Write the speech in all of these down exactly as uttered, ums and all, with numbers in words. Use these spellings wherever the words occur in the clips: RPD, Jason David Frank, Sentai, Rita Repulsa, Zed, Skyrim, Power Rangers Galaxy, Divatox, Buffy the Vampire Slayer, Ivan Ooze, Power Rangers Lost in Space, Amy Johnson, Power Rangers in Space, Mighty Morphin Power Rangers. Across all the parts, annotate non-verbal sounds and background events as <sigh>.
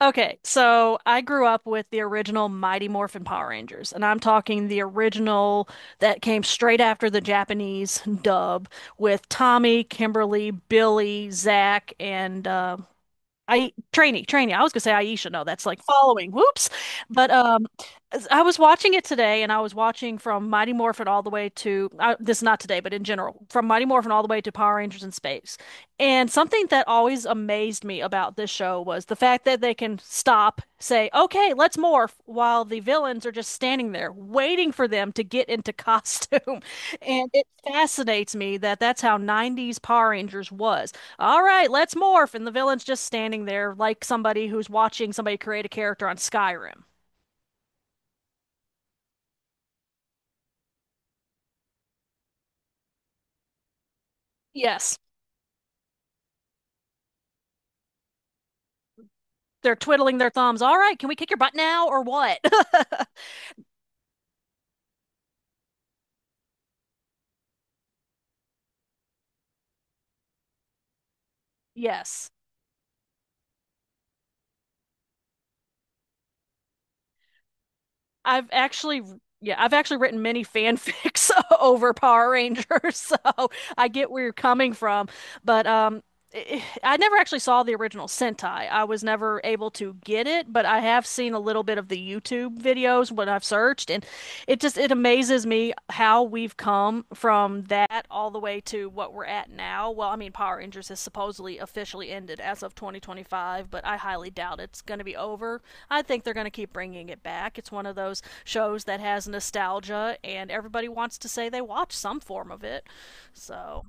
Okay, so I grew up with the original Mighty Morphin Power Rangers, and I'm talking the original that came straight after the Japanese dub with Tommy, Kimberly, Billy, Zach, and uh, I trainee, trainee. I was gonna say Aisha. No, that's like following. Whoops. But um, as- I was watching it today, and I was watching from Mighty Morphin all the way to uh, this is not today, but in general, from Mighty Morphin all the way to Power Rangers in Space. And something that always amazed me about this show was the fact that they can stop, say, "Okay, let's morph," while the villains are just standing there waiting for them to get into costume. <laughs> And it fascinates me that that's how nineties Power Rangers was, all right, let's morph. And the villain's just standing there like somebody who's watching somebody create a character on Skyrim. Yes. They're twiddling their thumbs. All right, can we kick your butt now or what? <laughs> Yes. I've actually, yeah, I've actually written many fanfics <laughs> over Power Rangers, <laughs> so I get where you're coming from. But um, i I never actually saw the original Sentai. I was never able to get it, but I have seen a little bit of the YouTube videos when I've searched, and it just it amazes me how we've come from that all the way to what we're at now. Well, I mean, Power Rangers has supposedly officially ended as of twenty twenty-five, but I highly doubt it's going to be over. I think they're going to keep bringing it back. It's one of those shows that has nostalgia, and everybody wants to say they watch some form of it. So,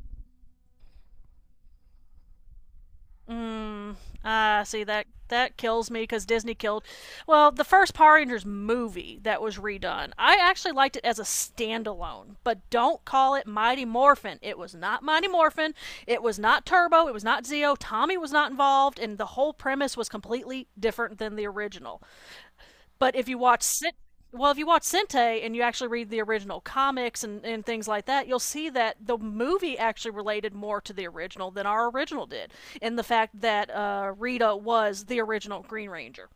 mm, ah, see that that kills me because Disney killed. Well, the first Power Rangers movie that was redone, I actually liked it as a standalone, but don't call it Mighty Morphin. It was not Mighty Morphin. It was not Turbo. It was not Zeo. Tommy was not involved, and the whole premise was completely different than the original. But if you watch Sen- well, if you watch Sente and you actually read the original comics and, and things like that, you'll see that the movie actually related more to the original than our original did. And the fact that uh, Rita was the original Green Ranger.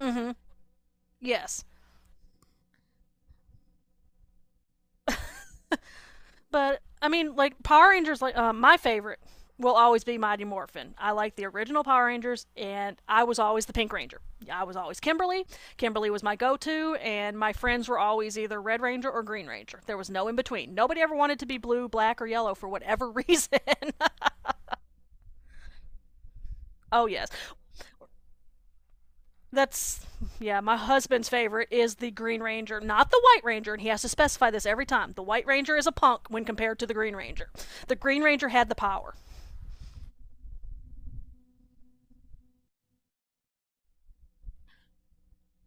Mm hmm. Yes. But I mean, like Power Rangers, like uh, my favorite will always be Mighty Morphin. I like the original Power Rangers, and I was always the Pink Ranger. I was always Kimberly. Kimberly was my go-to, and my friends were always either Red Ranger or Green Ranger. There was no in between. Nobody ever wanted to be blue, black, or yellow for whatever reason. <laughs> Oh yes. That's yeah, my husband's favorite is the Green Ranger, not the White Ranger, and he has to specify this every time. The White Ranger is a punk when compared to the Green Ranger. The Green Ranger had the power.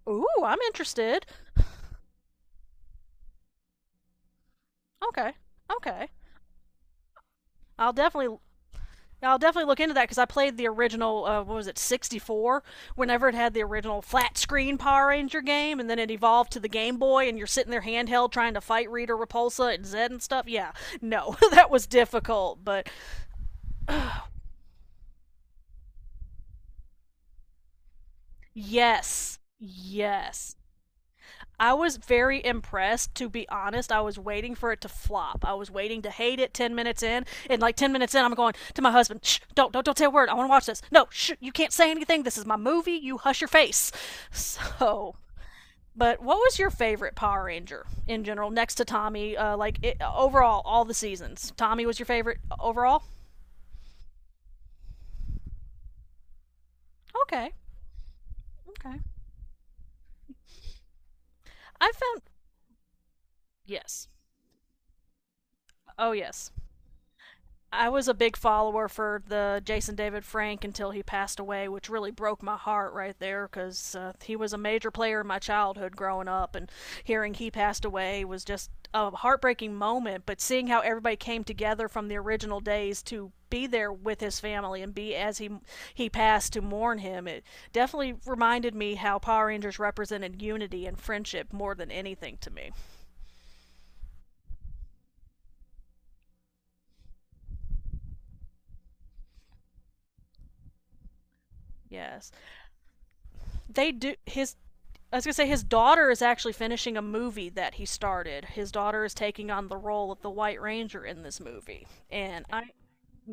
Ooh, I'm interested. Okay. Okay. I'll definitely I'll definitely look into that because I played the original. Uh, what was it, sixty four? Whenever it had the original flat screen Power Ranger game, and then it evolved to the Game Boy, and you're sitting there handheld trying to fight Rita Repulsa and Zed and stuff. Yeah, no, <laughs> that was difficult, but yes, yes. I was very impressed, to be honest. I was waiting for it to flop. I was waiting to hate it ten minutes in. And like ten minutes in, I'm going to my husband, shh, don't, don't, don't say a word. I want to watch this. No, shh, you can't say anything. This is my movie. You hush your face. So, but what was your favorite Power Ranger in general, next to Tommy? Uh, like it, overall, all the seasons. Tommy was your favorite overall? Okay, okay. I found, yes. Oh, yes. I was a big follower for the Jason David Frank until he passed away, which really broke my heart right there because uh, he was a major player in my childhood growing up, and hearing he passed away was just a heartbreaking moment. But seeing how everybody came together from the original days to be there with his family and be as he he passed to mourn him, it definitely reminded me how Power Rangers represented unity and friendship more than anything to me. Yes, they do. His I was gonna say his daughter is actually finishing a movie that he started. His daughter is taking on the role of the White Ranger in this movie, and I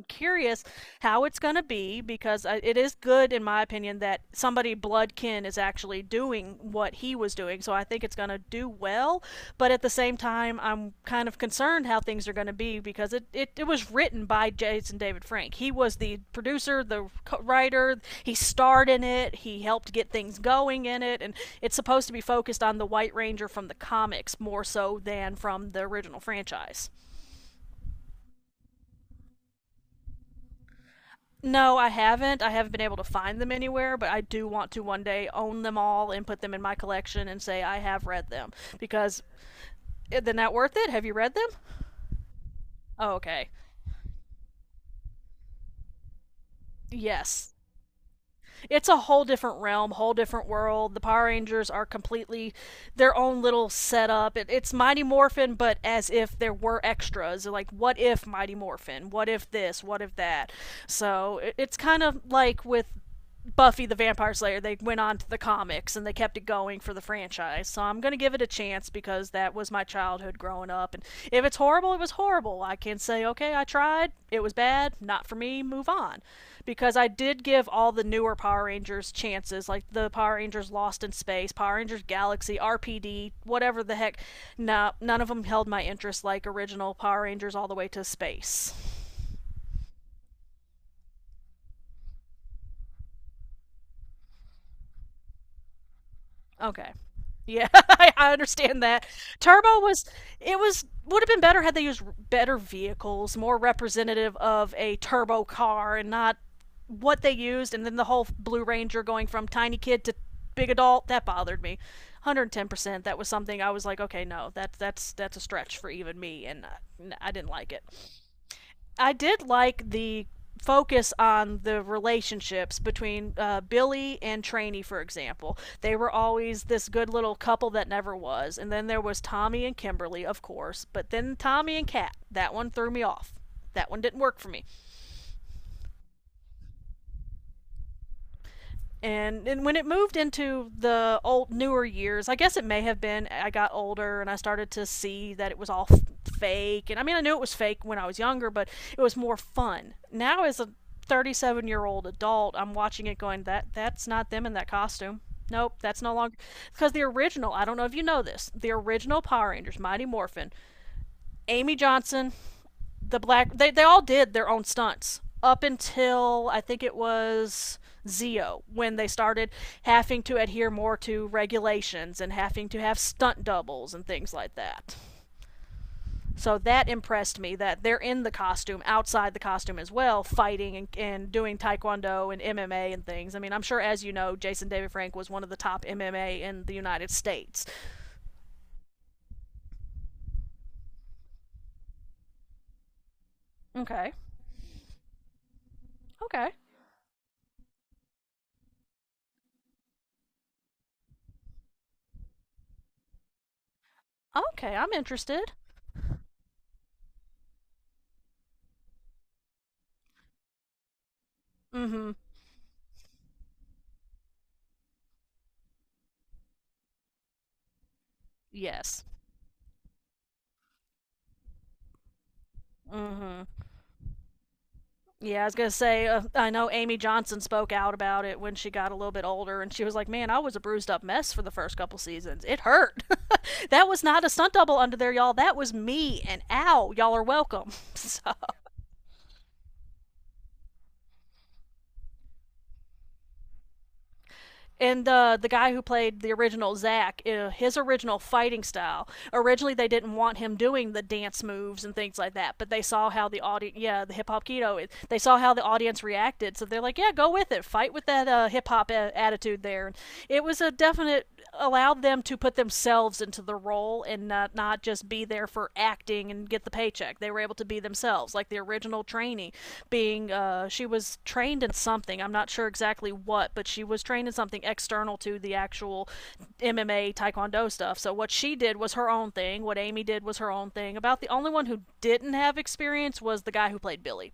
curious how it's going to be because it is good, in my opinion, that somebody blood kin is actually doing what he was doing. So I think it's going to do well. But at the same time, I'm kind of concerned how things are going to be because it, it, it was written by Jason David Frank. He was the producer, the writer. He starred in it, he helped get things going in it. And it's supposed to be focused on the White Ranger from the comics more so than from the original franchise. No, I haven't. I haven't been able to find them anywhere, but I do want to one day own them all and put them in my collection and say I have read them. Because eh, they're not worth it. Have you read them? Oh, okay. Yes. It's a whole different realm, whole different world. The Power Rangers are completely their own little setup. It, it's Mighty Morphin, but as if there were extras. Like, what if Mighty Morphin? What if this? What if that? So it, it's kind of like with Buffy the Vampire Slayer, they went on to the comics and they kept it going for the franchise. So I'm going to give it a chance because that was my childhood growing up. And if it's horrible, it was horrible. I can say, okay, I tried. It was bad. Not for me. Move on. Because I did give all the newer Power Rangers chances, like the Power Rangers Lost in Space, Power Rangers Galaxy, R P D, whatever the heck. No, none of them held my interest like original Power Rangers all the way to space. Okay. Yeah, <laughs> I, understand that. Turbo was it was would have been better had they used better vehicles, more representative of a turbo car and not what they used, and then the whole Blue Ranger going from tiny kid to big adult, that bothered me. one hundred ten percent. That was something I was like, okay, no, that that's that's a stretch for even me and I, I didn't like it. I did like the focus on the relationships between uh, Billy and Trainee, for example. They were always this good little couple that never was, and then there was Tommy and Kimberly, of course, but then Tommy and Kat. That one threw me off. That one didn't work for me. and and when it moved into the old newer years, I guess it may have been I got older and I started to see that it was all f- fake. And I mean, I knew it was fake when I was younger, but it was more fun. Now as a thirty-seven-year-old adult, I'm watching it going that that's not them in that costume. Nope, that's no longer because the original, I don't know if you know this, the original Power Rangers Mighty Morphin, Amy Johnson, the black, they, they all did their own stunts up until I think it was Zio when they started having to adhere more to regulations and having to have stunt doubles and things like that. So that impressed me that they're in the costume, outside the costume as well, fighting and, and doing taekwondo and M M A and things. I mean, I'm sure, as you know, Jason David Frank was one of the top M M A in the United States. Okay. Okay. Okay. I'm interested. Mm hmm. Yes. Mm hmm. Yeah, I was gonna say. Uh, I know Amy Johnson spoke out about it when she got a little bit older, and she was like, "Man, I was a bruised up mess for the first couple seasons. It hurt. <laughs> That was not a stunt double under there, y'all. That was me. And ow, y'all are welcome." <laughs> And the the guy who played the original Zack, uh, his original fighting style. Originally, they didn't want him doing the dance moves and things like that, but they saw how the audience, yeah, the hip hop keto, it- they saw how the audience reacted, so they're like, yeah, go with it, fight with that uh, hip hop a- attitude there. And It was a definite allowed them to put themselves into the role and not not just be there for acting and get the paycheck. They were able to be themselves, like the original trainee being uh, she was trained in something. I'm not sure exactly what, but she was trained in something external to the actual M M A Taekwondo stuff. So what she did was her own thing. What Amy did was her own thing. About the only one who didn't have experience was the guy who played Billy.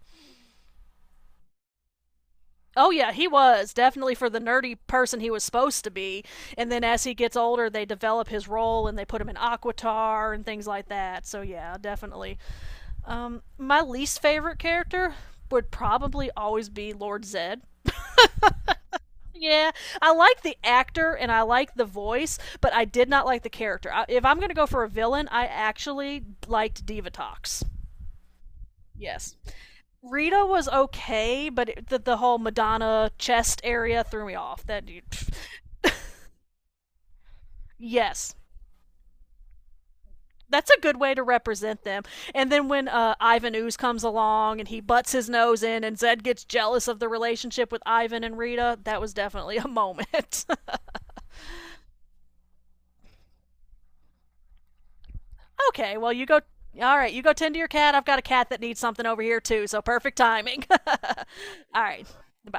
Oh yeah, he was definitely for the nerdy person he was supposed to be. And then as he gets older, they develop his role and they put him in Aquatar and things like that. So yeah, definitely. Um, my least favorite character would probably always be Lord Zed. Yeah, I like the actor and I like the voice, but I did not like the character. I, if I'm going to go for a villain, I actually liked Divatox. Yes. Rita was okay, but it, the, the whole Madonna chest area threw me off. That dude. Yes, that's a good way to represent them. And then when uh, Ivan Ooze comes along and he butts his nose in, and Zed gets jealous of the relationship with Ivan and Rita, that was definitely a moment. <laughs> Okay, well, you go. All right, you go tend to your cat. I've got a cat that needs something over here, too, so perfect timing. <laughs> All right, Bye.